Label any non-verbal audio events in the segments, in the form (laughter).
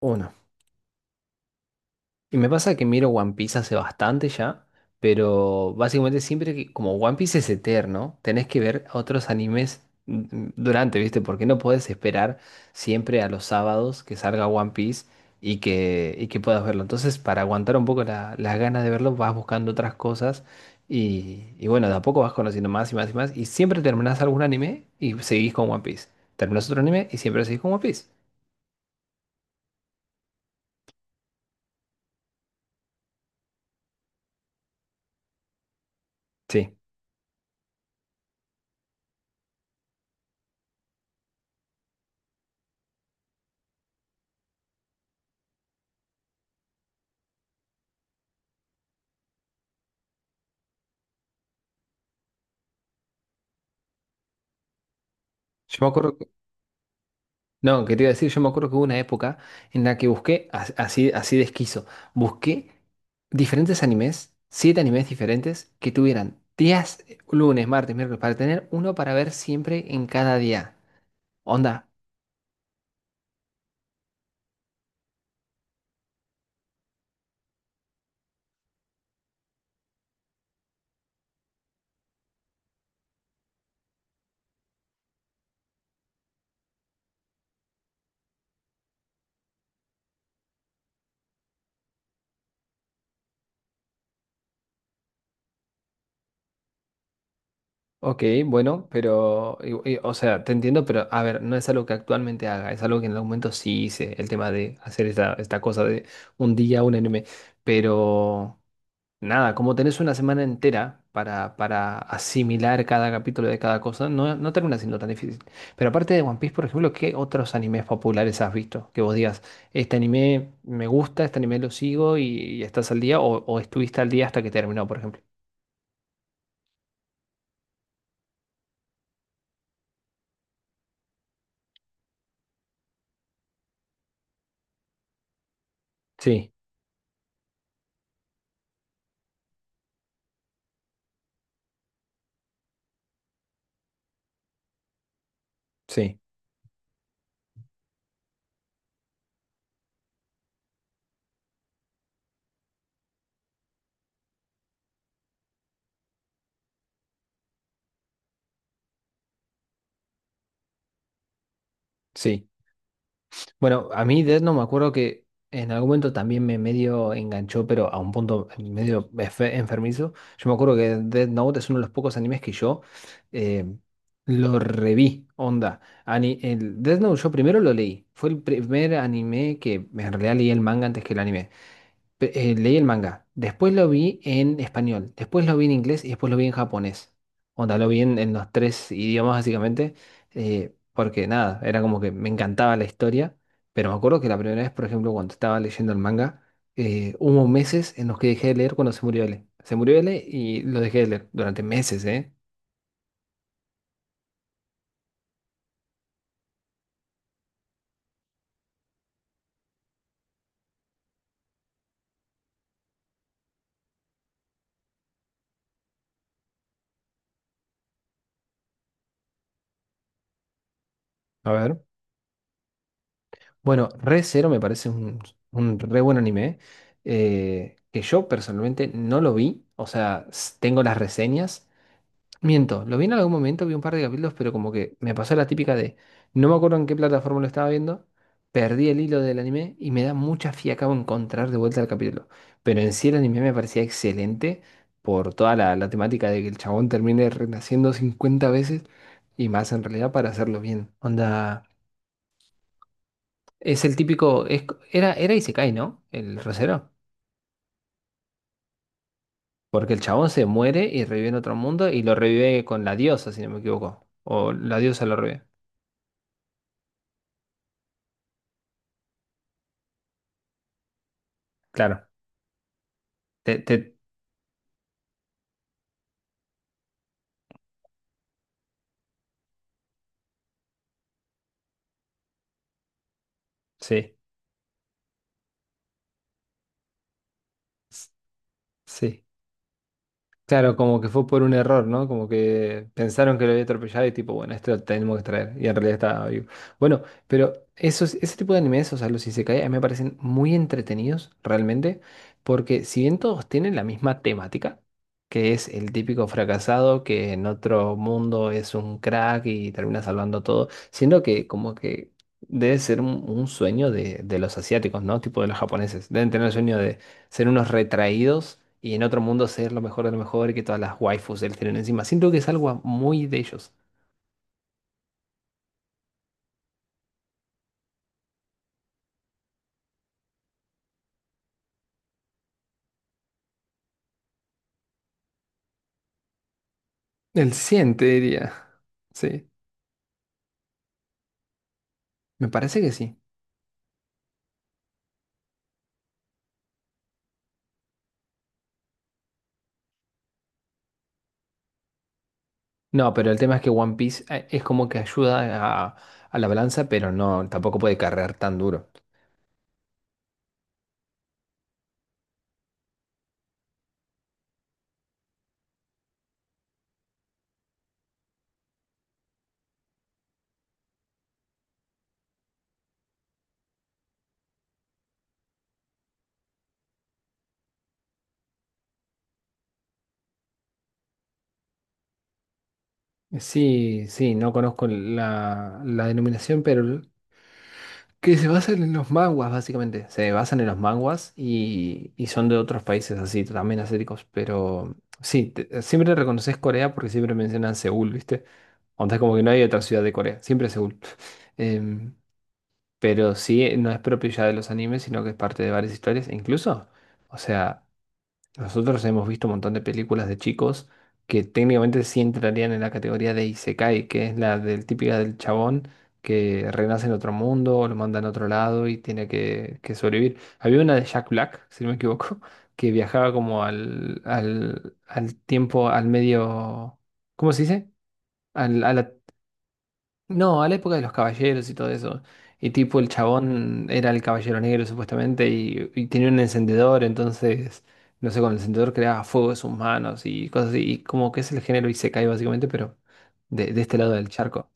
Uno. Y me pasa que miro One Piece hace bastante ya, pero básicamente siempre que, como One Piece es eterno, tenés que ver otros animes durante, ¿viste? Porque no podés esperar siempre a los sábados que salga One Piece y que puedas verlo. Entonces, para aguantar un poco las ganas de verlo, vas buscando otras cosas y bueno, de a poco vas conociendo más y más y más. Y siempre terminás algún anime y seguís con One Piece. Terminás otro anime y siempre seguís con One Piece. Sí. Yo me acuerdo. No, que te iba a decir, yo me acuerdo que hubo una época en la que busqué, así de esquizo, busqué diferentes animes, siete animes diferentes que tuvieran días, lunes, martes, miércoles, para tener uno para ver siempre en cada día. Onda. Ok, bueno, pero, o sea, te entiendo, pero a ver, no es algo que actualmente haga, es algo que en algún momento sí hice, el tema de hacer esta cosa de un día, un anime, pero... Nada, como tenés una semana entera para, asimilar cada capítulo de cada cosa, no, no termina siendo tan difícil. Pero aparte de One Piece, por ejemplo, ¿qué otros animes populares has visto? Que vos digas, este anime me gusta, este anime lo sigo y estás al día, o estuviste al día hasta que terminó, por ejemplo. Sí, sí, sí. Bueno, a mí Death no me acuerdo que en algún momento también me medio enganchó, pero a un punto medio enfermizo. Yo me acuerdo que Death Note es uno de los pocos animes que yo eh, lo reví, onda. El Death Note yo primero lo leí. Fue el primer anime que en realidad leí el manga antes que el anime leí el manga, después lo vi en español, después lo vi en inglés y después lo vi en japonés. Onda, lo vi en los tres idiomas básicamente, porque nada, era como que me encantaba la historia, pero me acuerdo que la primera vez, por ejemplo, cuando estaba leyendo el manga, hubo meses en los que dejé de leer cuando se murió L. Se murió L y lo dejé de leer durante meses, ¿eh? A ver. Bueno, Re Zero me parece un re buen anime, que yo personalmente no lo vi, o sea, tengo las reseñas. Miento, lo vi en algún momento, vi un par de capítulos, pero como que me pasó la típica de no me acuerdo en qué plataforma lo estaba viendo, perdí el hilo del anime y me da mucha fiaca encontrar de vuelta el capítulo. Pero en sí el anime me parecía excelente por toda la temática de que el chabón termine renaciendo 50 veces y más en realidad para hacerlo bien. Onda, es el típico, era Isekai, ¿no? El rosero. Porque el chabón se muere y revive en otro mundo y lo revive con la diosa, si no me equivoco. O la diosa lo revive. Claro. Te, te- sí, s- sí. Claro, como que fue por un error, ¿no? Como que pensaron que lo había atropellado y tipo, bueno, este lo tenemos que traer. Y en realidad estaba vivo. Bueno, pero ese tipo de animes, o sea, los isekai, a mí me parecen muy entretenidos, realmente, porque si bien todos tienen la misma temática, que es el típico fracasado que en otro mundo es un crack y termina salvando todo, siendo que como que debe ser un sueño de los asiáticos, ¿no? Tipo de los japoneses. Deben tener el sueño de ser unos retraídos y en otro mundo ser lo mejor de lo mejor y que todas las waifus de él tienen encima. Siento que es algo muy de ellos. El 100 te diría. Sí, me parece que sí. No, pero el tema es que One Piece es como que ayuda a, a la balanza, pero no, tampoco puede cargar tan duro. Sí, sí, no conozco la denominación, pero que se basan en los manguas, básicamente. Se basan en los manguas y son de otros países así, también asiáticos. Pero sí, siempre reconoces Corea porque siempre mencionan Seúl, ¿viste? O sea, como que no hay otra ciudad de Corea, siempre Seúl. (laughs) Em, pero sí, no es propio ya de los animes, sino que es parte de varias historias. E incluso, o sea. Nosotros hemos visto un montón de películas de chicos que técnicamente sí entrarían en la categoría de Isekai, que es la del típica del chabón que renace en otro mundo o lo mandan a otro lado y tiene que sobrevivir. Había una de Jack Black, si no me equivoco, (laughs) que viajaba como al tiempo, al medio, ¿cómo se dice? Al, a la- no, a la época de los caballeros y todo eso. Y tipo, el chabón era el caballero negro supuestamente y tenía un encendedor, entonces, no sé, con el encendedor creaba fuego de sus manos y cosas así. Y como que es el género isekai básicamente, pero de este lado del charco.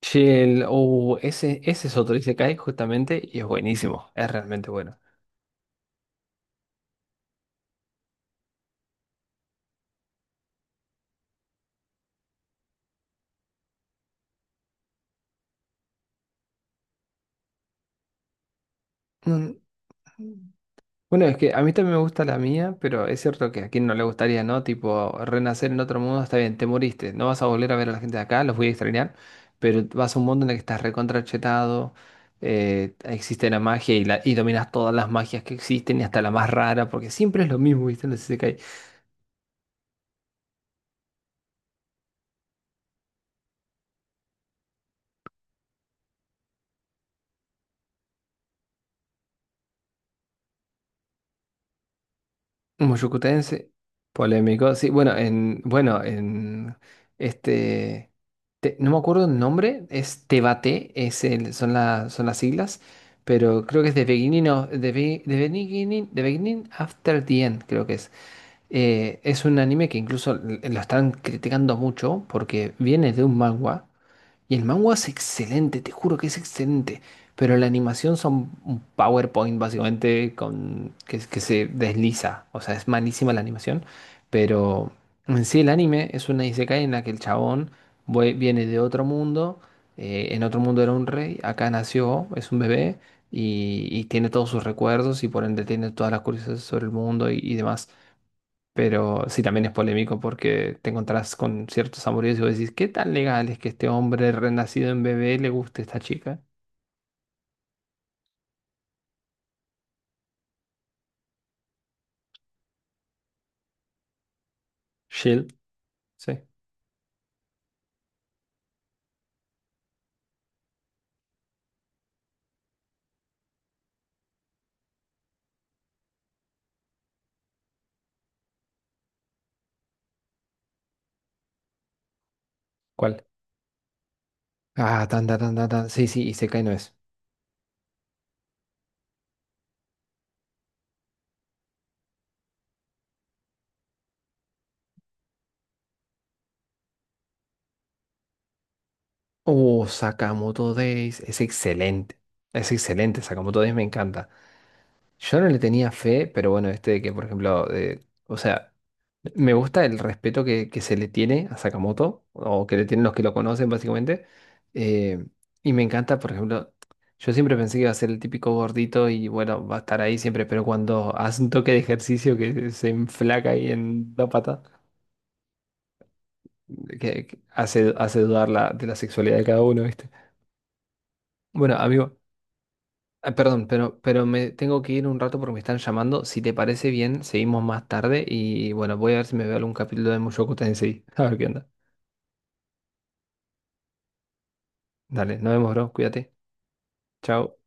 Che, oh, ese es otro isekai justamente y es buenísimo, es realmente bueno. Mm, Bueno, es que a mí también me gusta la mía, pero es cierto que a quien no le gustaría, ¿no? Tipo, renacer en otro mundo, está bien, te moriste, no vas a volver a ver a la gente de acá, los voy a extrañar, pero vas a un mundo en el que estás recontrachetado, existe la magia y, la, y dominas todas las magias que existen y hasta la más rara, porque siempre es lo mismo, ¿viste? No sé. Muy Moyucutense, polémico. Sí, bueno, en, bueno, en este, no me acuerdo el nombre, es Tebate, es el, son, son las siglas, pero creo que es The Beginning of, The, The Beginning, The Beginning After the End, creo que es. Es un anime que incluso lo están criticando mucho porque viene de un manga. Y el manga es excelente, te juro que es excelente. Pero la animación son un PowerPoint básicamente con, que se desliza. O sea, es malísima la animación. Pero en sí el anime es una isekai en la que el chabón viene de otro mundo. En otro mundo era un rey. Acá nació, es un bebé. Y tiene todos sus recuerdos y por ende tiene todas las curiosidades sobre el mundo y demás. Pero sí, también es polémico porque te encontrás con ciertos amoríos y vos decís, ¿qué tan legal es que este hombre renacido en bebé le guste a esta chica? Shield, sí. ¿Cuál? Ah, tan, tan, tan, tan, tan. Sí, sí, y Isekai no es. Oh, Sakamoto Days. Es excelente. Es excelente, Sakamoto Days me encanta. Yo no le tenía fe, pero bueno, este de que, por ejemplo, o sea, me gusta el respeto que se le tiene a Sakamoto, o que le tienen los que lo conocen, básicamente. eh, y me encanta, por ejemplo, yo siempre pensé que iba a ser el típico gordito y bueno, va a estar ahí siempre, pero cuando hace un toque de ejercicio que se enflaca ahí en la pata, que hace dudar de la sexualidad de cada uno, ¿viste? Bueno, amigo, ah, perdón, pero me tengo que ir un rato porque me están llamando. Si te parece bien, seguimos más tarde y bueno, voy a ver si me veo algún capítulo de Mushoku Tensei. (laughs) A ver qué onda. Dale, nos vemos, bro. Cuídate. Chao.